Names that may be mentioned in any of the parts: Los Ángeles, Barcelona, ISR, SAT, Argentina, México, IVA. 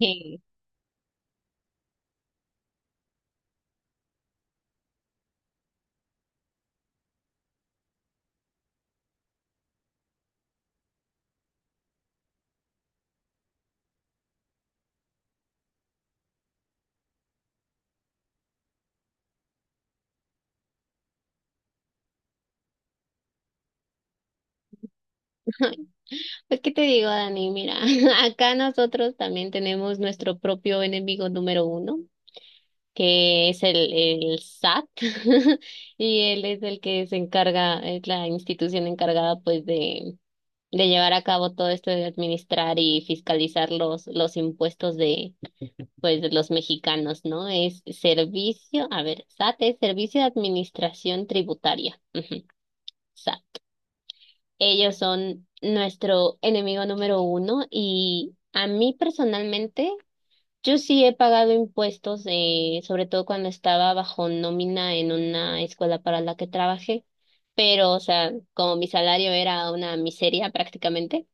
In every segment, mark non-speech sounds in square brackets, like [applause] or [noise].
Sí. [laughs] Pues, ¿qué te digo, Dani? Mira, [laughs] acá nosotros también tenemos nuestro propio enemigo número uno, que es el SAT. [laughs] Y él es el que se encarga, es la institución encargada, pues, de llevar a cabo todo esto de administrar y fiscalizar los impuestos de, pues, de los mexicanos, ¿no? Es servicio, a ver, SAT es Servicio de Administración Tributaria. [laughs] Ujú, SAT. Ellos son nuestro enemigo número uno y a mí personalmente, yo sí he pagado impuestos, sobre todo cuando estaba bajo nómina en una escuela para la que trabajé, pero o sea, como mi salario era una miseria prácticamente,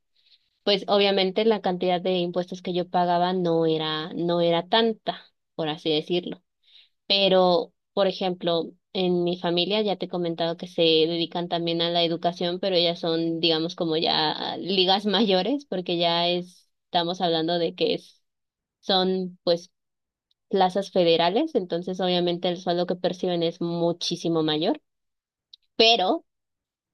pues obviamente la cantidad de impuestos que yo pagaba no era tanta, por así decirlo. Pero, por ejemplo, en mi familia ya te he comentado que se dedican también a la educación, pero ellas son, digamos, como ya ligas [laughs] mayores, porque ya estamos hablando de que son, pues, plazas federales, entonces obviamente el sueldo que perciben es muchísimo mayor, pero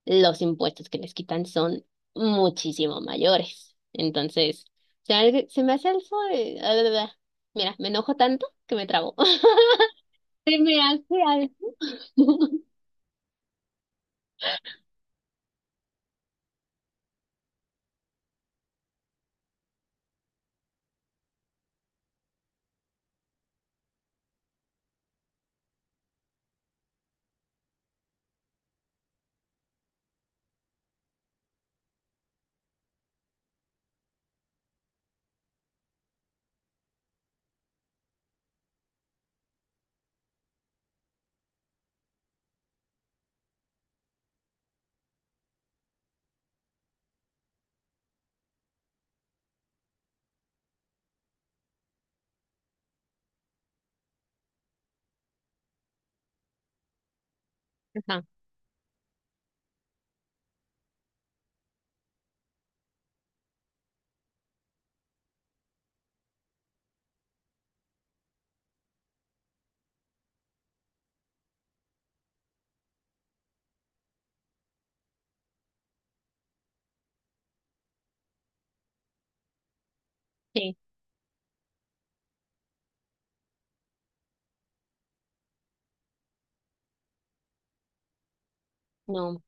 los impuestos que les quitan son muchísimo mayores. Entonces, se me hace algo... bla, bla, bla. Mira, me enojo tanto que me trabo. [laughs] Se me hace algo. [laughs] Sí, no.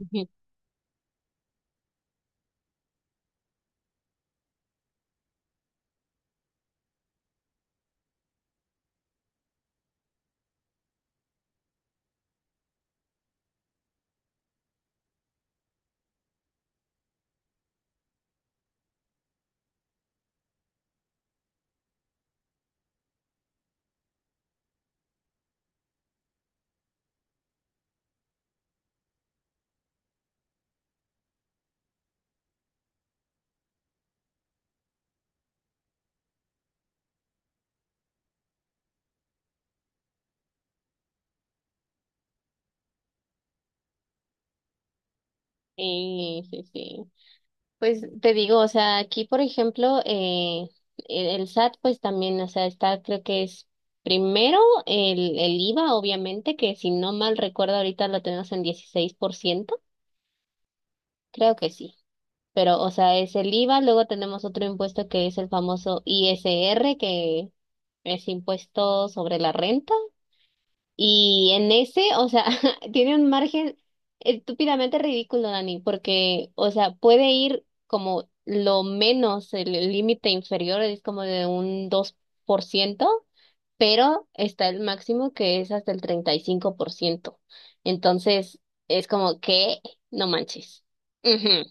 [laughs] Sí, sí, sí. Pues te digo, o sea, aquí, por ejemplo, el SAT, pues también, o sea, está, creo que es primero el IVA, obviamente, que si no mal recuerdo, ahorita lo tenemos en 16%, creo que sí. Pero, o sea, es el IVA, luego tenemos otro impuesto que es el famoso ISR, que es impuesto sobre la renta. Y en ese, o sea, [laughs] tiene un margen estúpidamente ridículo, Dani, porque, o sea, puede ir como lo menos, el límite inferior es como de un 2%, pero está el máximo que es hasta el 35%. Entonces, es como que, no manches. Ujú,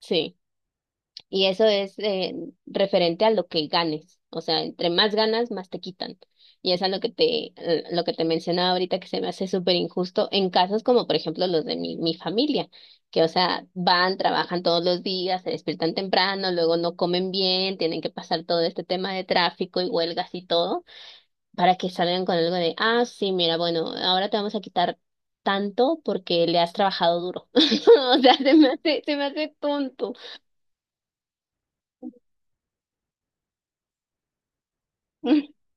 sí. Y eso es referente a lo que ganes. O sea, entre más ganas, más te quitan. Y eso es lo que te mencionaba ahorita que se me hace súper injusto en casos como, por ejemplo, los de mi familia, que, o sea, van, trabajan todos los días, se despiertan temprano, luego no comen bien, tienen que pasar todo este tema de tráfico y huelgas y todo, para que salgan con algo de, ah, sí, mira, bueno, ahora te vamos a quitar tanto porque le has trabajado duro. [laughs] O sea, se me hace tonto. [laughs]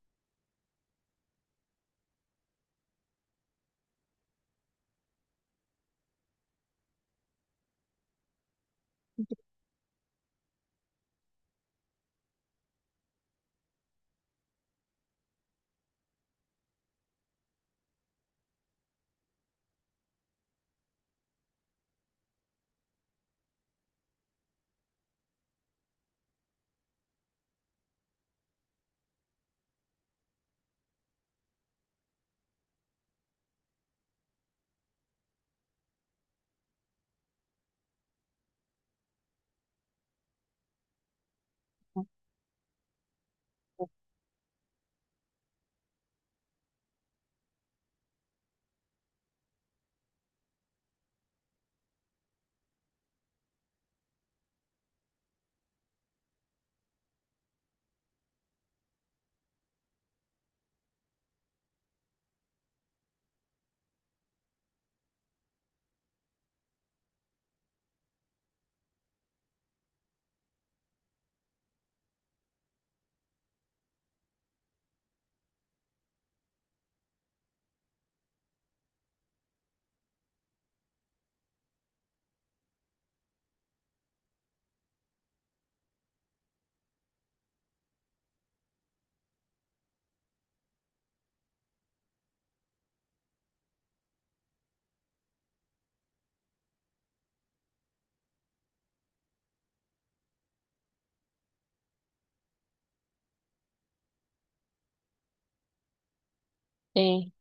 Sí.